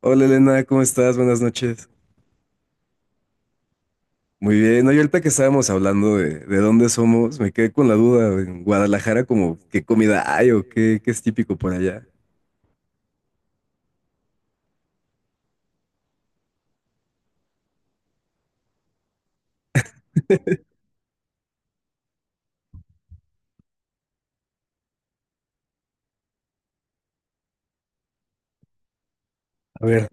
Hola Elena, ¿cómo estás? Buenas noches. Muy bien. Oye, ahorita que estábamos hablando de dónde somos, me quedé con la duda. En Guadalajara, como qué comida hay o qué es típico por allá. A ver,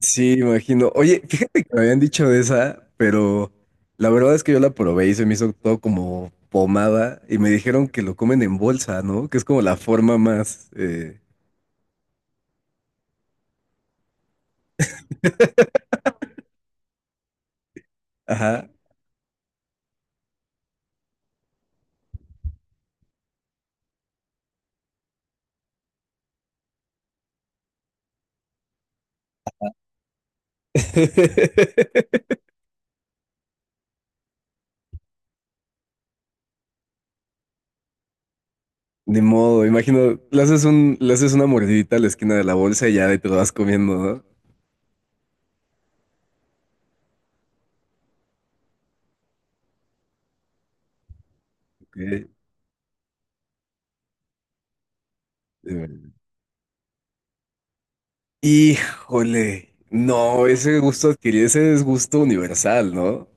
sí, imagino. Oye, fíjate que me habían dicho de esa, pero la verdad es que yo la probé y se me hizo todo como pomada y me dijeron que lo comen en bolsa, ¿no? Que es como la forma más. Ajá. Ni modo, imagino, le haces una mordidita a la esquina de la bolsa y ya de ahí te lo vas comiendo, ¿no? Ok. De ver- Híjole, no, ese gusto adquirido, ese es gusto universal, ¿no?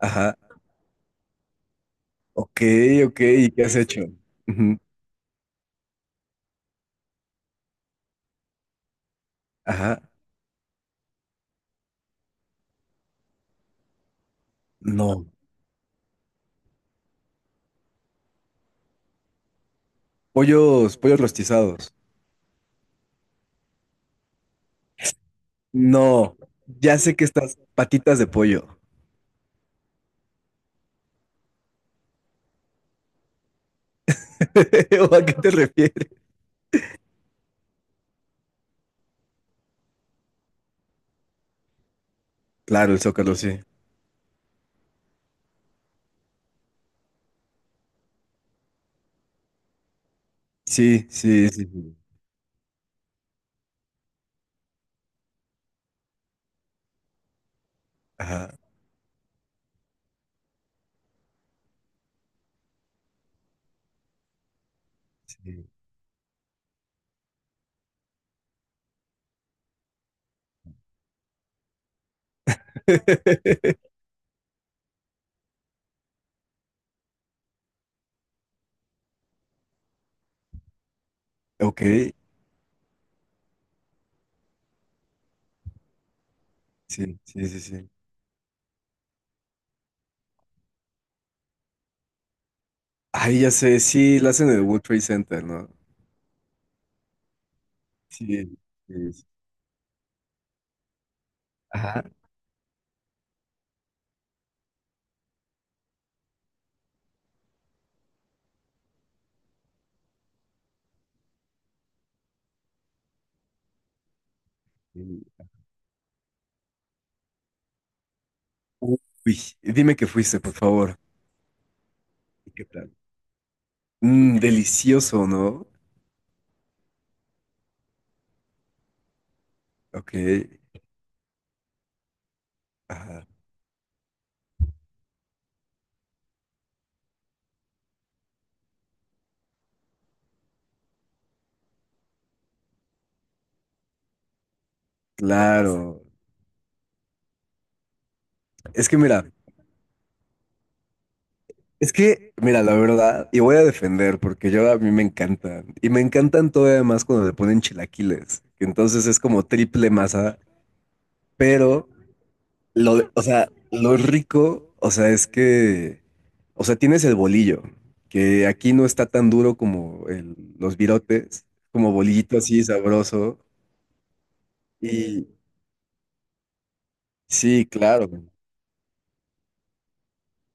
Ajá, ok, ok, ¿y qué has hecho? Ujú. Ajá, no, pollos, pollos rostizados. No, ya sé, que estas patitas de pollo. ¿O a qué te refieres? Claro, el Zócalo, sí. Sí, sí, sí, sí. Ajá, sí. Ok, sí, sí, sí, sí. Ay, ya sé, sí, la hacen en el World Trade Center, ¿no? Sí, sí, sí. Ajá. Sí. Uy, dime que fuiste, por favor. ¿Y qué tal? Mm, delicioso, ¿no? Ok. Ajá, claro. Es que mira, mira, la verdad, y voy a defender porque yo a mí me encantan. Y me encantan todavía más cuando le ponen chilaquiles, que entonces es como triple masa. Pero, o sea, lo rico, o sea, es que, o sea, tienes el bolillo, que aquí no está tan duro como los virotes, como bolillito así sabroso. y Sí, claro.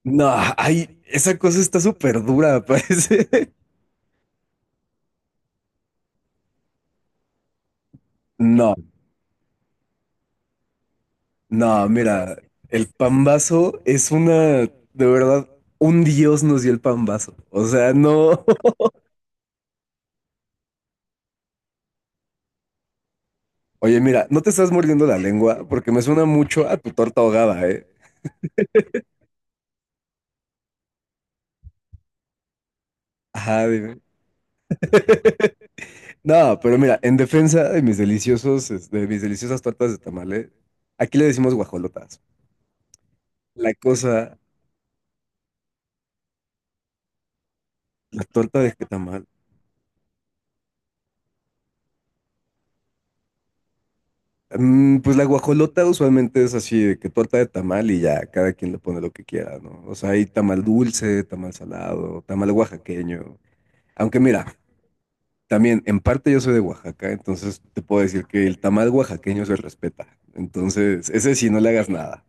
No, ay, esa cosa está súper dura, parece. No, no, mira, el pambazo es de verdad, un dios nos dio el pambazo. O sea, no. Oye, mira, no te estás mordiendo la lengua porque me suena mucho a tu torta ahogada, ¿eh? Ajá, dime. No, pero mira, en defensa de mis deliciosas tortas de tamales, aquí le decimos guajolotas. La cosa, la torta de tamal. Pues la guajolota usualmente es así, de que torta de tamal y ya, cada quien le pone lo que quiera, ¿no? O sea, hay tamal dulce, tamal salado, tamal oaxaqueño. Aunque mira, también en parte yo soy de Oaxaca, entonces te puedo decir que el tamal oaxaqueño se respeta. Entonces, ese sí, no le hagas nada.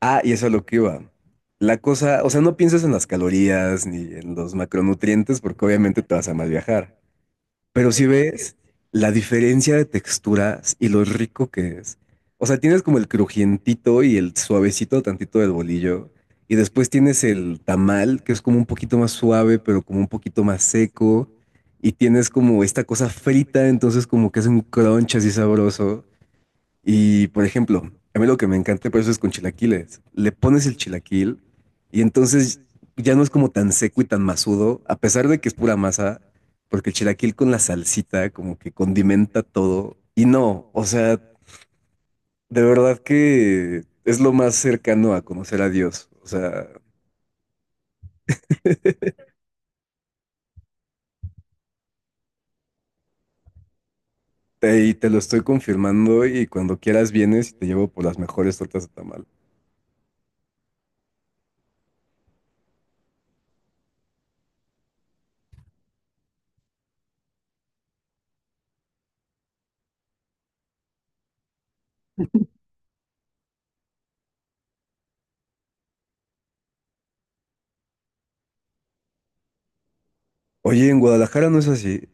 Ah, y eso es lo que iba. La cosa, o sea, no pienses en las calorías ni en los macronutrientes porque obviamente te vas a mal viajar. Pero si ves la diferencia de texturas y lo rico que es. O sea, tienes como el crujientito y el suavecito tantito del bolillo. Y después tienes el tamal, que es como un poquito más suave, pero como un poquito más seco. Y tienes como esta cosa frita, entonces como que es un crunch así sabroso. Y por ejemplo, a mí lo que me encanta por eso es con chilaquiles. Le pones el chilaquil y entonces ya no es como tan seco y tan masudo, a pesar de que es pura masa, porque el chilaquil con la salsita como que condimenta todo. Y no, o sea, de verdad que es lo más cercano a conocer a Dios. O sea, y te lo estoy confirmando y cuando quieras vienes y te llevo por las mejores tortas de tamal. Oye, en Guadalajara no es así.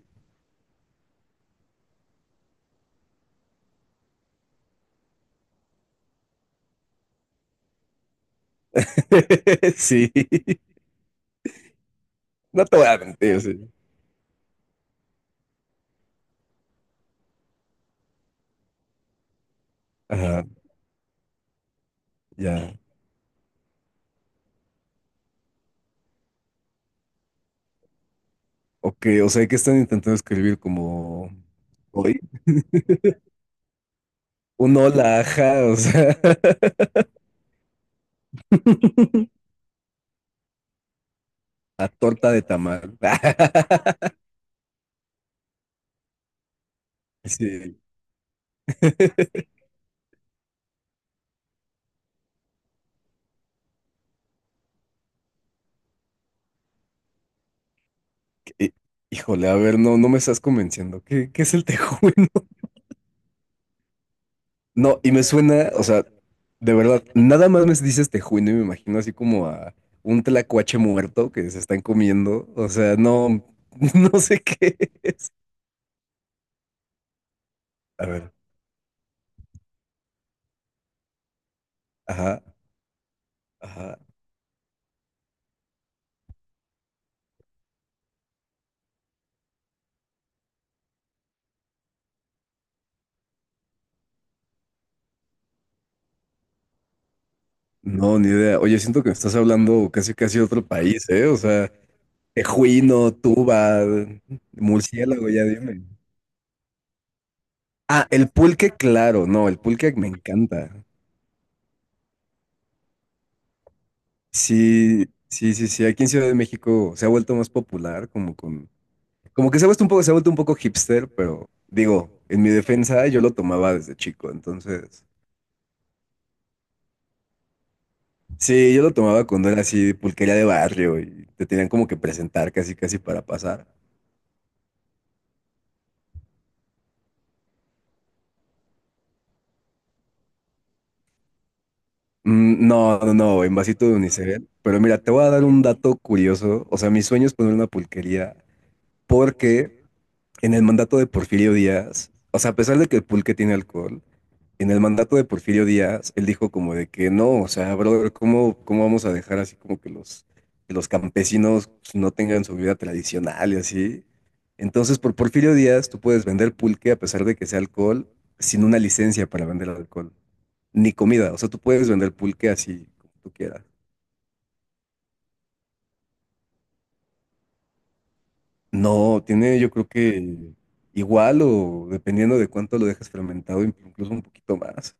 Sí, no te voy a mentir, sí. Ajá. Ya. Ok, o sea, ¿que están intentando escribir como hoy? Un hola, ajá, o sea, a torta de tamal. Sí. Hí- Híjole, a ver, no, no me estás convenciendo. ¿Qué es el tejuino? No, y me suena, o sea, de verdad, nada más me dices tejuino y me imagino así como a un tlacuache muerto que se están comiendo. O sea, no, no sé qué es. A ver, ajá, ajá. No, ni idea. Oye, siento que me estás hablando casi casi de otro país, ¿eh? O sea, tejuino, tuba, murciélago, ya dime. Ah, el pulque, claro, no, el pulque me encanta. Sí, sí, sí, sí. Aquí en Ciudad de México se ha vuelto más popular, como que se ha vuelto un poco hipster, pero digo, en mi defensa yo lo tomaba desde chico, entonces. Sí, yo lo tomaba cuando era así pulquería de barrio y te tenían como que presentar casi casi para pasar. No, no, no, en vasito de unicel. Pero mira, te voy a dar un dato curioso. O sea, mi sueño es poner una pulquería porque en el mandato de Porfirio Díaz, o sea, a pesar de que el pulque tiene alcohol, en el mandato de Porfirio Díaz, él dijo como de que no, o sea, brother, ¿cómo vamos a dejar así como que que los campesinos pues, no tengan su vida tradicional y así? Entonces, por Porfirio Díaz, tú puedes vender pulque a pesar de que sea alcohol, sin una licencia para vender alcohol, ni comida, o sea, tú puedes vender pulque así como tú quieras. No, tiene yo creo que igual o dependiendo de cuánto lo dejes fermentado, incluso un poquito más.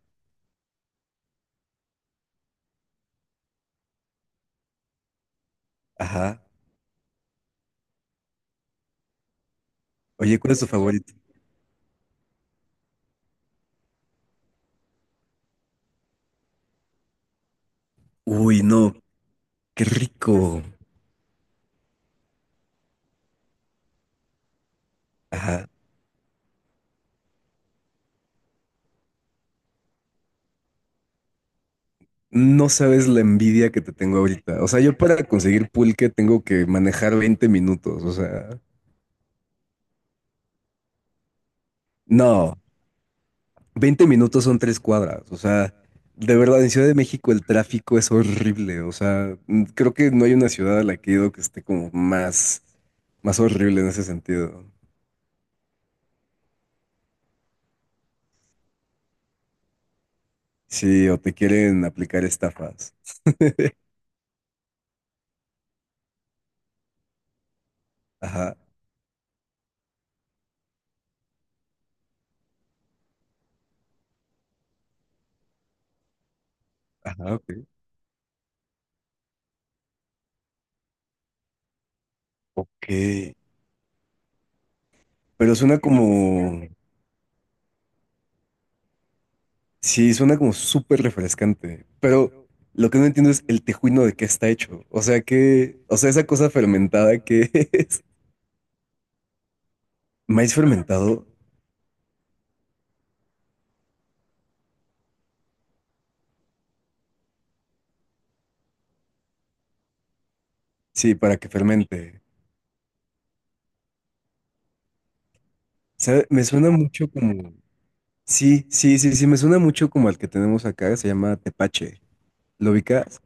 Ajá. Oye, ¿cuál es tu favorito? Uy, no, qué rico. Ajá. No sabes la envidia que te tengo ahorita. O sea, yo para conseguir pulque tengo que manejar 20 minutos. O sea, no, 20 minutos son tres cuadras. O sea, de verdad, en Ciudad de México el tráfico es horrible. O sea, creo que no hay una ciudad a la que he ido que esté como más, horrible en ese sentido. Sí, o te quieren aplicar estafas. Ajá, ajá, ok. Ok. Pero suena como, Sí, suena como súper refrescante, pero lo que no entiendo es el tejuino de qué está hecho. O sea, o sea, esa cosa fermentada que es maíz fermentado, sí, para que fermente. ¿Sabe? Me suena mucho como, sí, sí, sí, sí, me suena mucho como al que tenemos acá, se llama tepache. ¿Lo ubicas?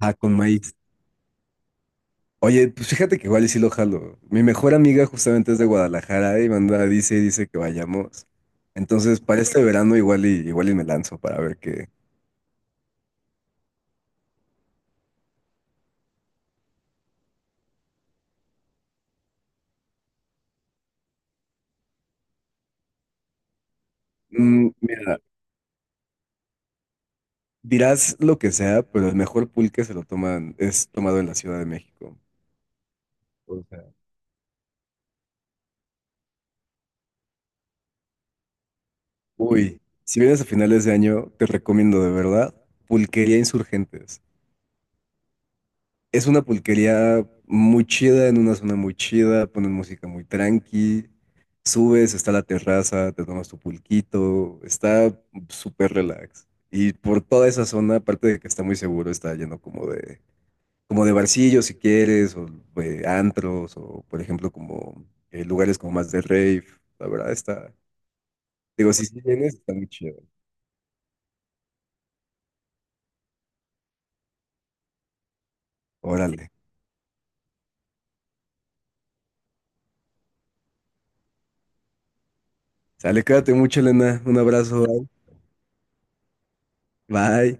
Ah, con maíz. Oye, pues fíjate que igual y sí lo jalo. Mi mejor amiga justamente es de Guadalajara y dice que vayamos. Entonces, para este verano igual y me lanzo para ver qué. Mira, dirás lo que sea, pero el mejor pulque es tomado en la Ciudad de México. O sea, uy, si vienes a finales de año, te recomiendo de verdad Pulquería Insurgentes. Es una pulquería muy chida, en una zona muy chida, ponen música muy tranqui, subes, está la terraza, te tomas tu pulquito, está súper relax. Y por toda esa zona, aparte de que está muy seguro, está lleno como de barcillo si quieres, o antros, o por ejemplo como lugares como más de rave, la verdad está, digo, si sí vienes, está muy chido. Órale, sale, cuídate mucho, Elena, un abrazo, bye.